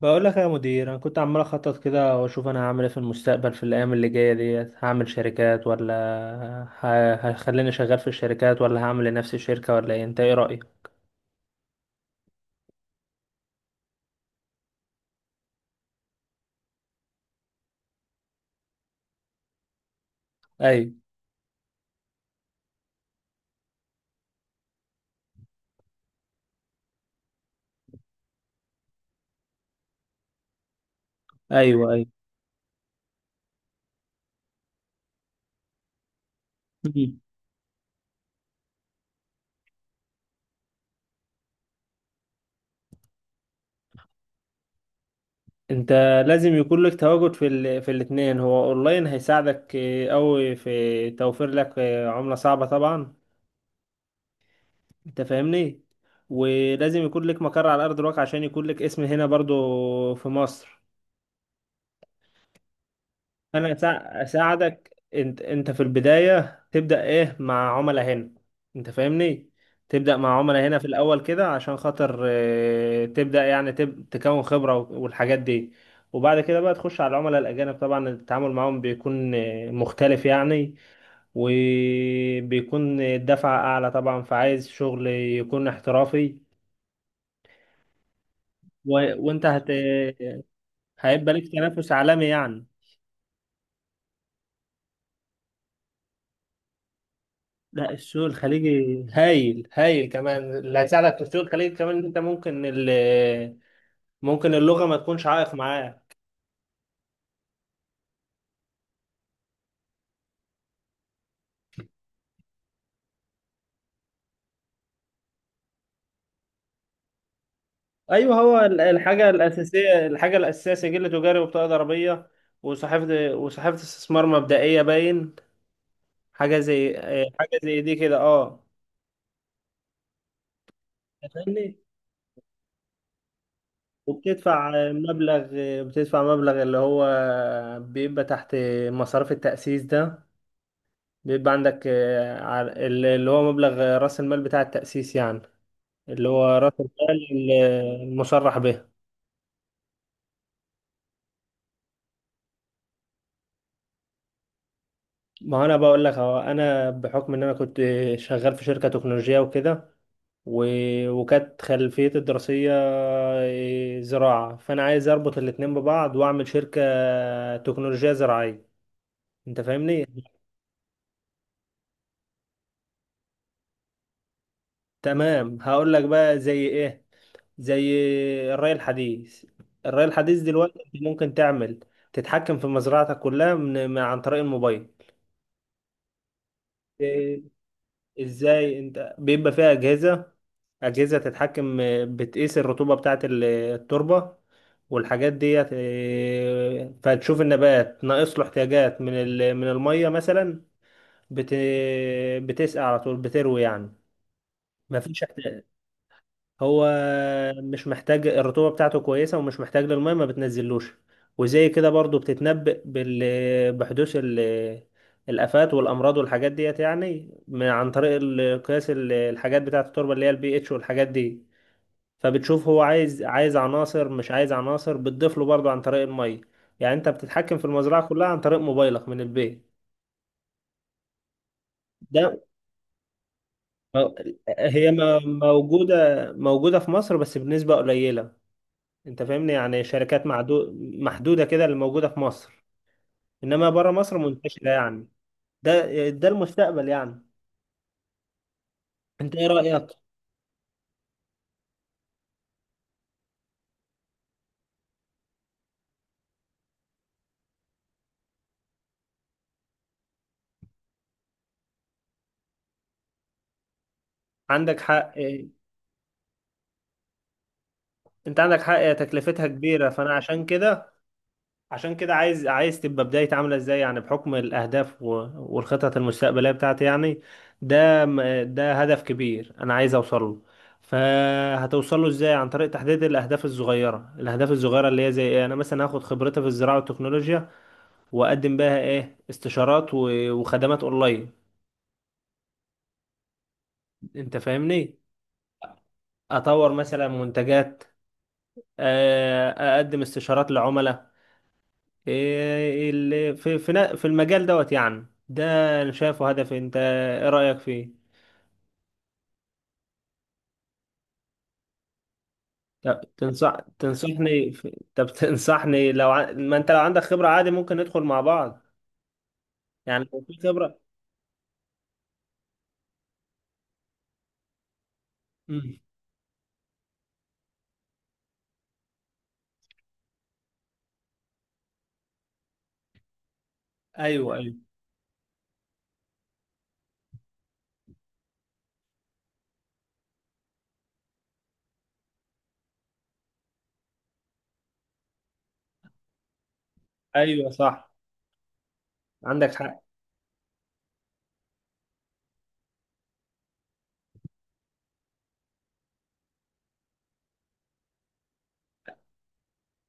بقول لك يا مدير، انا كنت عمال اخطط كده واشوف انا هعمل ايه في المستقبل، في الايام اللي جايه ديت هعمل شركات، ولا هخليني شغال في الشركات، ولا هعمل لنفسي شركه، ولا ايه؟ انت ايه رايك؟ ايوه، ايوه، ايوه. مم. انت لازم يكون لك تواجد في الاثنين. هو اونلاين هيساعدك قوي في توفير لك عمله صعبه طبعا. انت فاهمني؟ ولازم يكون لك مقر على ارض الواقع عشان يكون لك اسم هنا برضو في مصر. انا اساعدك. انت في البدايه تبدا ايه مع عملاء هنا. انت فاهمني؟ تبدا مع عملاء هنا في الاول كده عشان خاطر تبدا يعني تكون خبره والحاجات دي. وبعد كده بقى تخش على العملاء الاجانب. طبعا التعامل معاهم بيكون مختلف يعني. وبيكون الدفعه اعلى طبعا، فعايز شغل يكون احترافي. و... وانت هت... هيبقى لك تنافس عالمي يعني. لا، السوق الخليجي هايل هايل. كمان اللي هيساعدك في السوق الخليجي كمان إن انت ممكن اللغة ما تكونش عائق معاه. ايوه. هو الحاجة الأساسية، الحاجة الأساسية سجل تجاري وبطاقة ضريبية. وصحيفة استثمار مبدئية باين. حاجة زي حاجة زي دي كده، اه. فاهمني؟ وبتدفع مبلغ بتدفع مبلغ اللي هو بيبقى تحت مصاريف التأسيس ده. بيبقى عندك اللي هو مبلغ رأس المال بتاع التأسيس يعني، اللي هو راس المال المصرح به. ما هو انا بقول لك، اهو انا بحكم ان انا كنت شغال في شركه تكنولوجيه وكده، وكانت خلفيتي الدراسيه زراعه، فانا عايز اربط الاتنين ببعض واعمل شركه تكنولوجيه زراعيه. انت فاهمني؟ تمام، هقول لك بقى زي ايه. زي الري الحديث. الري الحديث دلوقتي انت ممكن تعمل، تتحكم في مزرعتك كلها من عن طريق الموبايل. إيه، ازاي؟ انت بيبقى فيها اجهزه، أجهزة تتحكم، بتقيس الرطوبة بتاعة التربة والحاجات ديت. فتشوف النبات ناقص له احتياجات من من المية مثلا. بت بتسقى على طول، بتروي يعني. مفيش احتياج، هو مش محتاج. الرطوبة بتاعته كويسة ومش محتاج للمية ما بتنزلوش. وزي كده برضو بتتنبأ بال بحدوث الآفات والأمراض والحاجات ديت يعني، من عن طريق قياس الحاجات بتاعة التربة اللي هي البي اتش والحاجات دي. فبتشوف هو عايز عناصر مش عايز عناصر، بتضيف له برضه عن طريق الميه. يعني انت بتتحكم في المزرعه كلها عن طريق موبايلك من البيت. ده م- موجوده في مصر بس بنسبه قليله. انت فاهمني؟ يعني شركات محدوده كده اللي موجوده في مصر. انما بره مصر منتشره يعني. ده المستقبل يعني. انت ايه رايك؟ عندك حق. انت عندك حق، هي تكلفتها كبيره. فانا عشان كده، عايز تبقى بدايتي عاملة ازاي، يعني بحكم الأهداف والخطط المستقبلية بتاعتي يعني. ده هدف كبير أنا عايز أوصل له. فهتوصل له ازاي؟ عن طريق تحديد الأهداف الصغيرة. الأهداف الصغيرة اللي هي زي ايه؟ أنا مثلا هاخد خبرتي في الزراعة والتكنولوجيا وأقدم بها ايه استشارات وخدمات أونلاين. أنت فاهمني؟ أطور مثلا منتجات، آه، أقدم استشارات لعملاء. إيه اللي في المجال دوت يعني. ده انا شايفه هدف. انت ايه رأيك فيه؟ طب طب تنصحني لو ما انت لو عندك خبرة عادي ممكن ندخل مع بعض. يعني لو في خبرة. مم. ايوه، ايوه، ايوه. صح، عندك حق.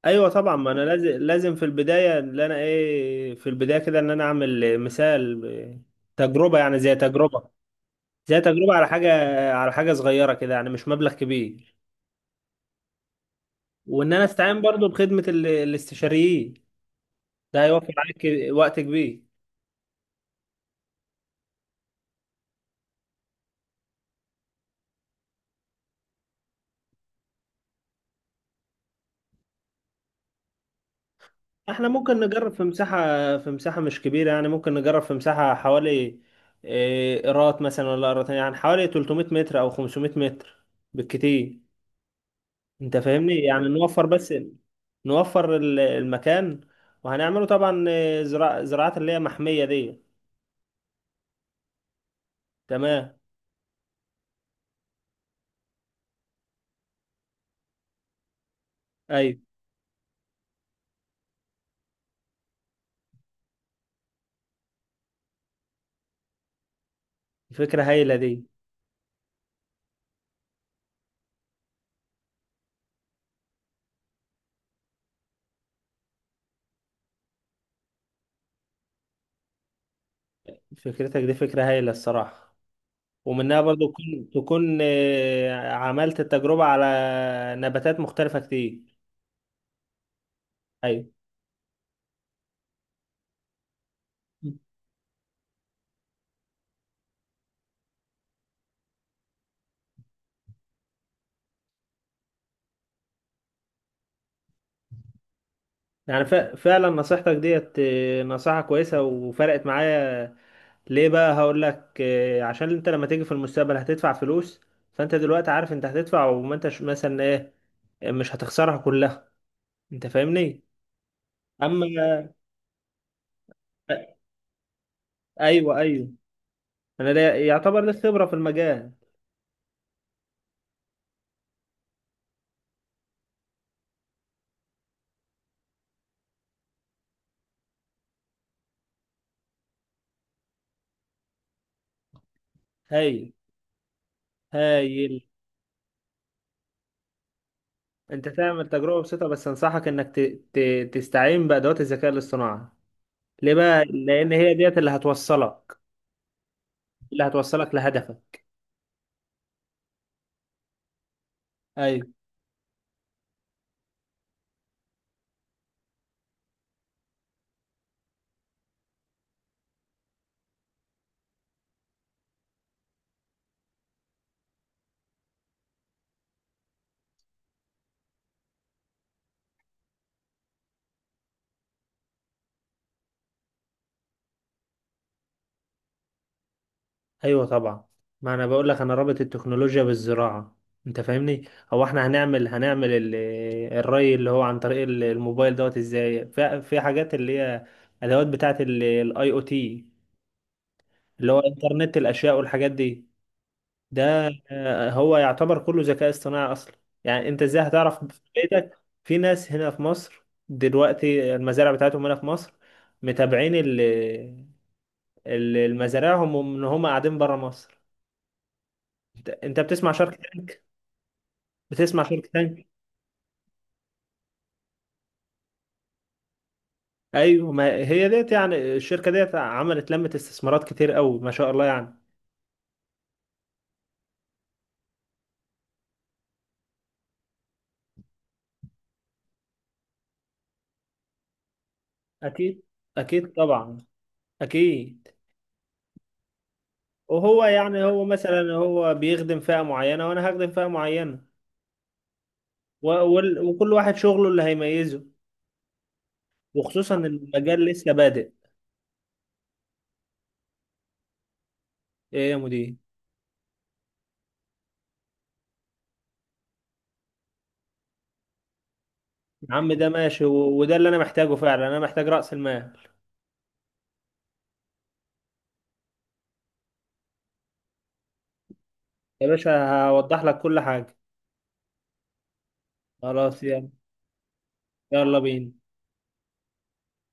ايوه طبعا، ما انا لازم، لازم في البداية اللي انا ايه، في البداية كده ان انا اعمل مثال تجربة يعني، زي تجربة، زي تجربة على حاجة، على حاجة صغيرة كده، يعني مش مبلغ كبير. وان انا استعين برضو بخدمه الاستشاريين. ده هيوفر عليك وقت كبير. احنا ممكن نجرب في مساحه، في مساحه مش كبيره يعني. ممكن نجرب في مساحه حوالي قيراط مثلا ولا قيراطين، يعني حوالي 300 متر او 500 متر بالكتير. انت فاهمني؟ يعني نوفر بس، نوفر المكان. وهنعمله طبعا إيه، زراع زراعات اللي هي محميه دي. تمام. ايوه، فكره هايله دي. فكرتك دي فكره هايله الصراحه. ومنها برضو تكون عملت التجربة على نباتات مختلفة كتير. أيوة. يعني فعلا نصيحتك ديت نصيحة كويسة وفرقت معايا. ليه بقى؟ هقول لك عشان انت لما تيجي في المستقبل هتدفع فلوس. فانت دلوقتي عارف انت هتدفع، وما انتش مثلا ايه، مش هتخسرها كلها. انت فاهمني؟ اما ايوه، ايوه. انا يعتبر لي خبرة في المجال. هايل هايل. انت تعمل تجربة بسيطة بس انصحك انك تستعين بأدوات الذكاء الاصطناعي. ليه بقى؟ لان هي ديت اللي هتوصلك لهدفك. ايوه، ايوه طبعا. ما انا بقول لك، انا رابط التكنولوجيا بالزراعة. انت فاهمني؟ هو احنا الري اللي هو عن طريق الموبايل دوت، ازاي؟ في حاجات اللي هي ادوات بتاعت الاي او تي، اللي هو انترنت الاشياء والحاجات دي. ده هو يعتبر كله ذكاء اصطناعي اصلا. يعني انت ازاي هتعرف في بيتك؟ في ناس هنا في مصر دلوقتي المزارع بتاعتهم هنا في مصر متابعين المزارعهم وان هم قاعدين بره مصر. أنت بتسمع شارك تانك؟ بتسمع شارك تانك؟ ايوه، ما هي ديت يعني، الشركه ديت عملت لمة استثمارات كتير قوي ما شاء الله يعني. اكيد. اكيد طبعا. اكيد. وهو يعني، هو مثلا هو بيخدم فئة معينة وانا هخدم فئة معينة. وكل واحد شغله اللي هيميزه. وخصوصا المجال لسه بادئ. ايه يا مدير؟ يا عم ده ماشي، وده اللي انا محتاجه فعلا. انا محتاج رأس المال. يا باشا هوضح لك كل حاجة. خلاص يلا. يلا بينا.